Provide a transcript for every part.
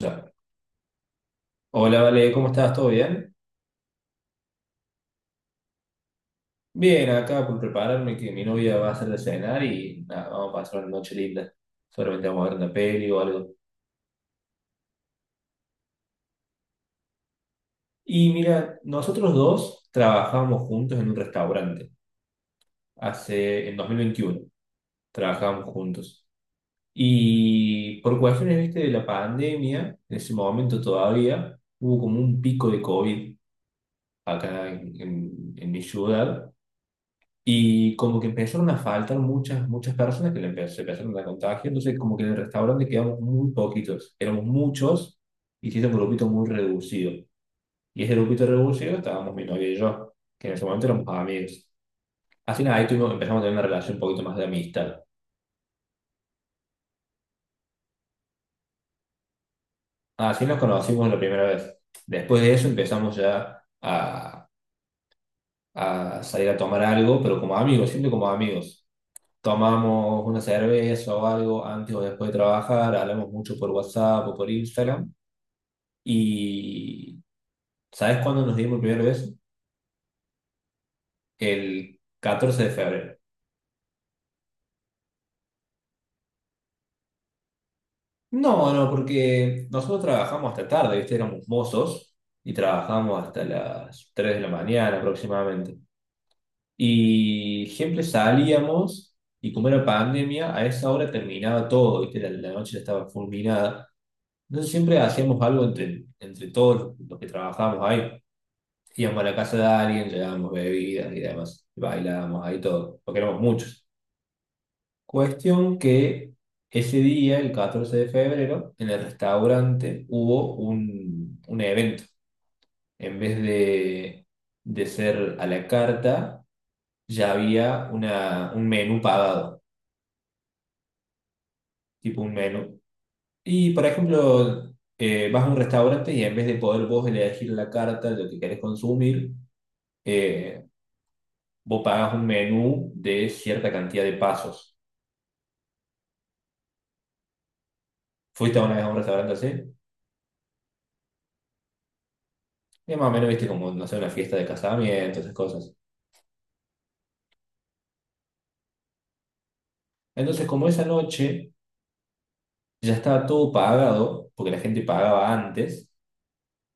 Ya. Hola, Vale, ¿cómo estás? ¿Todo bien? Bien, acá por prepararme que mi novia va a hacer de cenar y nada, vamos a pasar una noche linda. Solamente vamos a ver una peli o algo. Y mira, nosotros dos trabajábamos juntos en un restaurante hace, en 2021. Trabajábamos juntos. Y por cuestiones, viste, de la pandemia, en ese momento todavía hubo como un pico de COVID acá en mi ciudad. Y como que empezaron a faltar muchas, muchas personas que se empezaron a contagiar. Entonces, como que en el restaurante quedamos muy poquitos. Éramos muchos y sí era un grupito muy reducido. Y ese grupito reducido estábamos mi novia y yo, que en ese momento éramos amigos. Así nada, ahí tuvimos, empezamos a tener una relación un poquito más de amistad. Ah, así nos conocimos la primera vez. Después de eso empezamos ya a salir a tomar algo, pero como amigos, siempre como amigos. Tomamos una cerveza o algo antes o después de trabajar, hablamos mucho por WhatsApp o por Instagram. Y ¿sabes cuándo nos dimos el primer beso? El 14 de febrero. No, no, porque nosotros trabajamos hasta tarde, ¿viste? Éramos mozos y trabajamos hasta las 3 de la mañana aproximadamente. Y siempre salíamos y como era pandemia, a esa hora terminaba todo, ¿viste? La noche ya estaba fulminada. Entonces siempre hacíamos algo entre todos los que trabajábamos ahí. Íbamos a la casa de alguien, llevábamos bebidas y demás, bailábamos ahí todo, porque éramos muchos. Cuestión que ese día, el 14 de febrero, en el restaurante hubo un evento. En vez de ser a la carta, ya había un menú pagado, tipo un menú. Y, por ejemplo, vas a un restaurante y en vez de poder vos elegir la carta, lo que querés consumir, eh, vos pagás un menú de cierta cantidad de pasos. ¿Fuiste una vez a un restaurante así? Y más o menos viste como, no sé, una fiesta de casamiento, esas cosas. Entonces, como esa noche ya estaba todo pagado, porque la gente pagaba antes,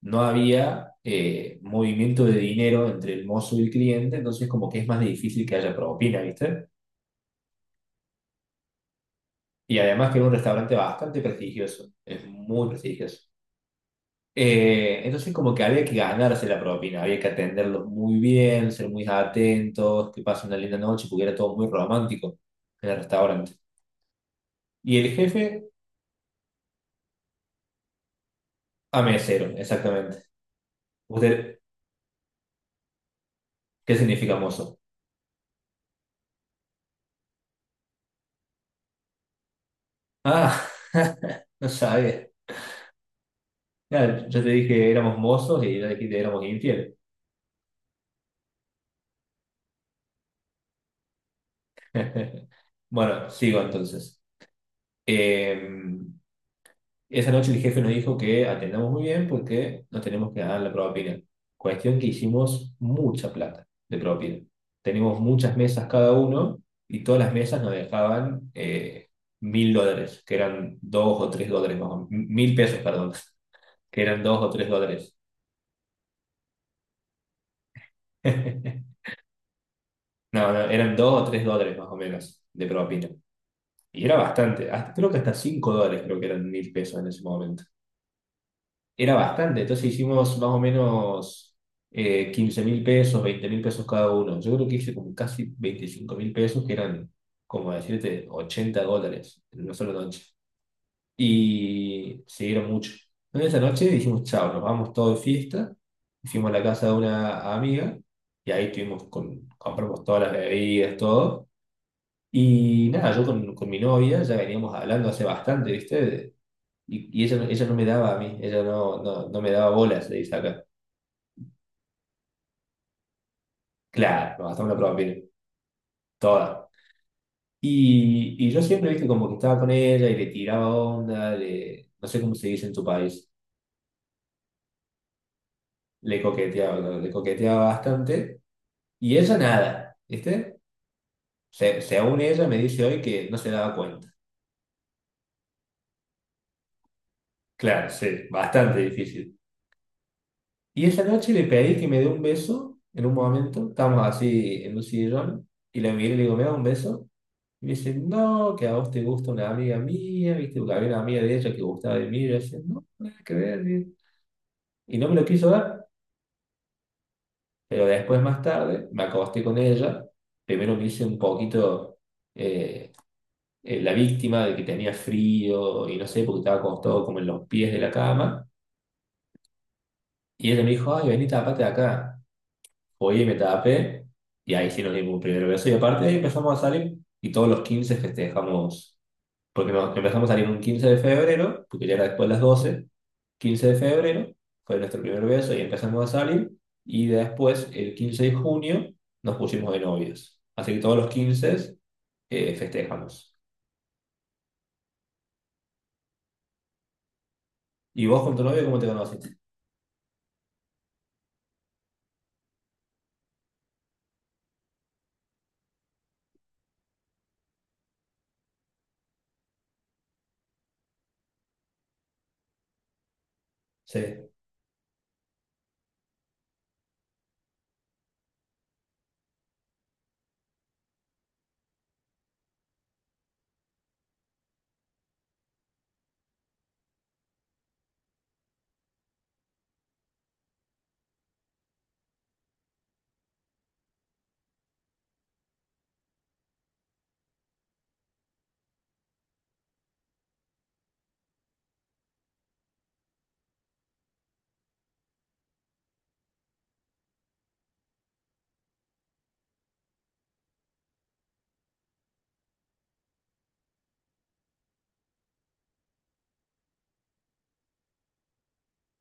no había movimiento de dinero entre el mozo y el cliente, entonces como que es más difícil que haya propina, ¿viste? Y además que era un restaurante bastante prestigioso, es muy prestigioso. Entonces como que había que ganarse la propina, había que atenderlos muy bien, ser muy atentos, que pasen una linda noche, porque era todo muy romántico en el restaurante. Y el jefe a mesero, exactamente. ¿Usted qué significa mozo? Ah, no sabía. Ya, yo te dije que éramos mozos y yo te dije que éramos infieles. Bueno, sigo entonces. Eh, Esa noche el jefe nos dijo que atendamos muy bien porque nos tenemos que dar la propina. Cuestión que hicimos mucha plata de propina. Teníamos muchas mesas cada uno y todas las mesas nos dejaban $1000, que eran 2 o 3 dólares más o menos. 1000 pesos, perdón, que eran dos o tres dólares. No, no, eran 2 o 3 dólares más o menos de propina. Y era bastante, creo que hasta $5 creo que eran 1000 pesos en ese momento. Era bastante, entonces hicimos más o menos 15 mil pesos, 20.000 pesos cada uno. Yo creo que hice como casi 25.000 pesos, que eran, como decirte, $80 en una sola noche. Y se era mucho. Entonces esa noche dijimos, chao, nos vamos todos de fiesta. Fuimos a la casa de una amiga y ahí tuvimos con, compramos todas las bebidas, todo. Y nada, yo con mi novia ya veníamos hablando hace bastante, ¿viste? Y ella, ella no me daba a mí, ella no, no, no me daba bolas, le dice acá. Claro, nos gastamos la prueba, viene, toda. Y yo siempre, viste, como que estaba con ella y le tiraba onda, le, no sé cómo se dice en tu país, le coqueteaba, ¿no? Le coqueteaba bastante. Y ella nada, ¿viste? Se, según ella me dice hoy que no se daba cuenta. Claro, sí, bastante difícil. Y esa noche le pedí que me dé un beso en un momento, estábamos así en un sillón, y la miré y le digo, ¿me da un beso? Y me dice no, que a vos te gusta una amiga mía, ¿viste? Porque había una amiga de ella que gustaba de mí. Y yo decía, no, nada que ver. Y no me lo quiso dar. Pero después, más tarde, me acosté con ella. Primero me hice un poquito eh, la víctima de que tenía frío y no sé, porque estaba acostado como en los pies de la cama. Y ella me dijo, ay, vení, tapate acá. Oye, me tapé. Y ahí sí nos dimos un primer beso. Y aparte de ahí empezamos a salir y todos los 15 festejamos porque nos empezamos a salir un 15 de febrero, porque ya era después de las doce 15 de febrero, fue nuestro primer beso y empezamos a salir, y después el 15 de junio nos pusimos de novios. Así que todos los 15 festejamos. ¿Y vos con tu novio cómo te conociste? Sí,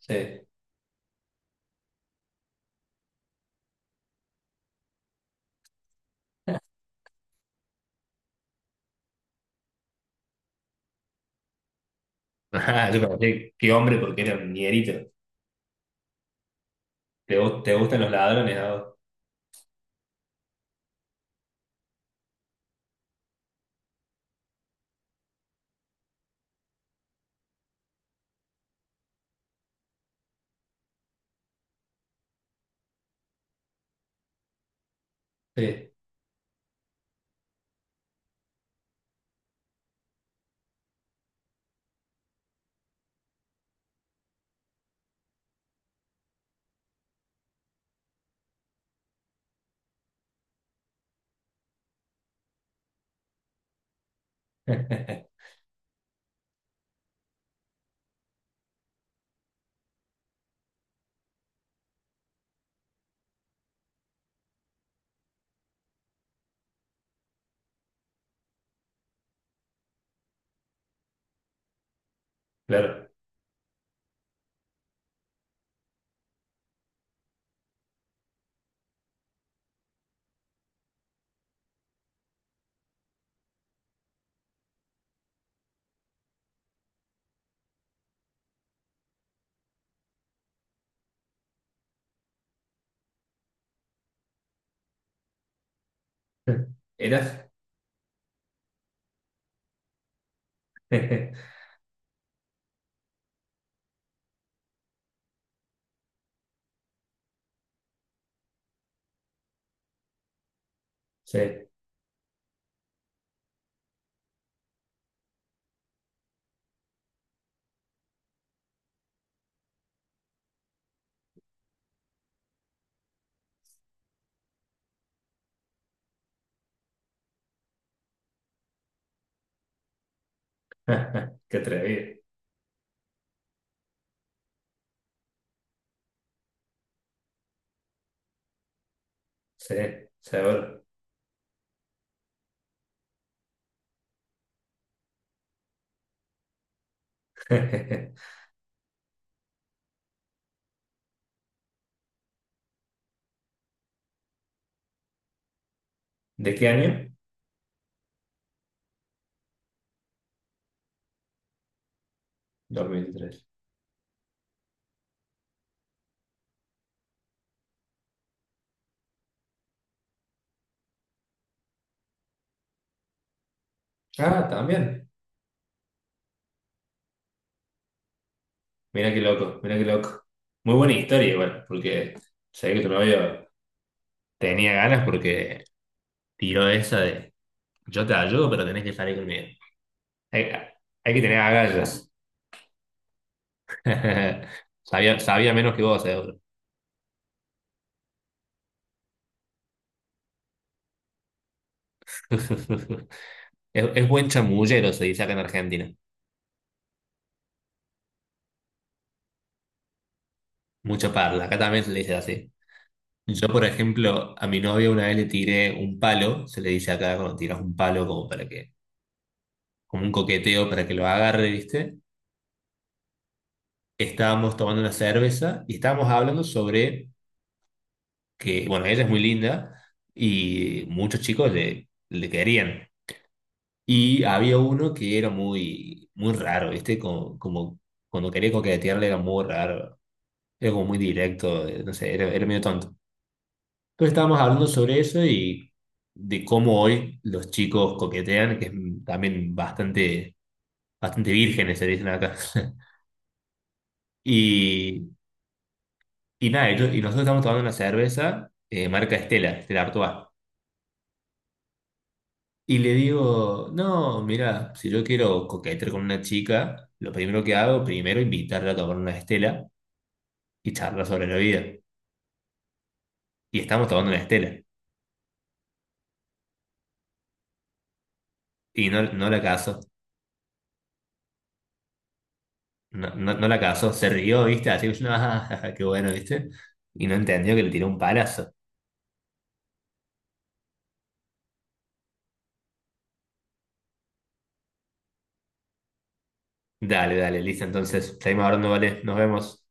sí. Ajá, yo conocí, qué hombre, porque era un ñerito. ¿Te, te gustan los ladrones, a vos? Sí. Claro. ¿Eras? Sí. Qué atrevido. Sí, seguro. ¿De qué año? 2003. Ah, también. Mira qué loco, mira qué loco. Muy buena historia igual, porque sé que tu novio tenía ganas porque tiró esa de yo te ayudo, pero tenés que salir conmigo. Hay, hay que tener agallas. Sabía, sabía menos que vos, seguro. Es buen chamullero, se dice acá en Argentina. Mucha parla, acá también se le dice así. Yo, por ejemplo, a mi novia una vez le tiré un palo, se le dice acá cuando tiras un palo como para que como un coqueteo para que lo agarre, ¿viste? Estábamos tomando una cerveza y estábamos hablando sobre que, bueno, ella es muy linda y muchos chicos le querían. Y había uno que era muy, muy raro, ¿viste? Como cuando quería coquetearle era muy raro, era como muy directo, no sé, era medio tonto. Entonces estábamos hablando sobre eso y de cómo hoy los chicos coquetean, que es también bastante, bastante vírgenes, se dicen acá. Y Y nada, y nosotros estamos tomando una cerveza, marca Estela, Estela Artois. Y le digo, no, mira, si yo quiero coquetear con una chica, lo primero que hago, primero invitarla a tomar una Estela y charlar sobre la vida. Y estamos tomando una Estela. Y no, no la casó, no, no, no la casó, se rió, ¿viste? Así que yo, no, ah, qué bueno, ¿viste? Y no entendió que le tiró un palazo. Dale, dale, listo, entonces, seguimos hablando, vale, nos vemos.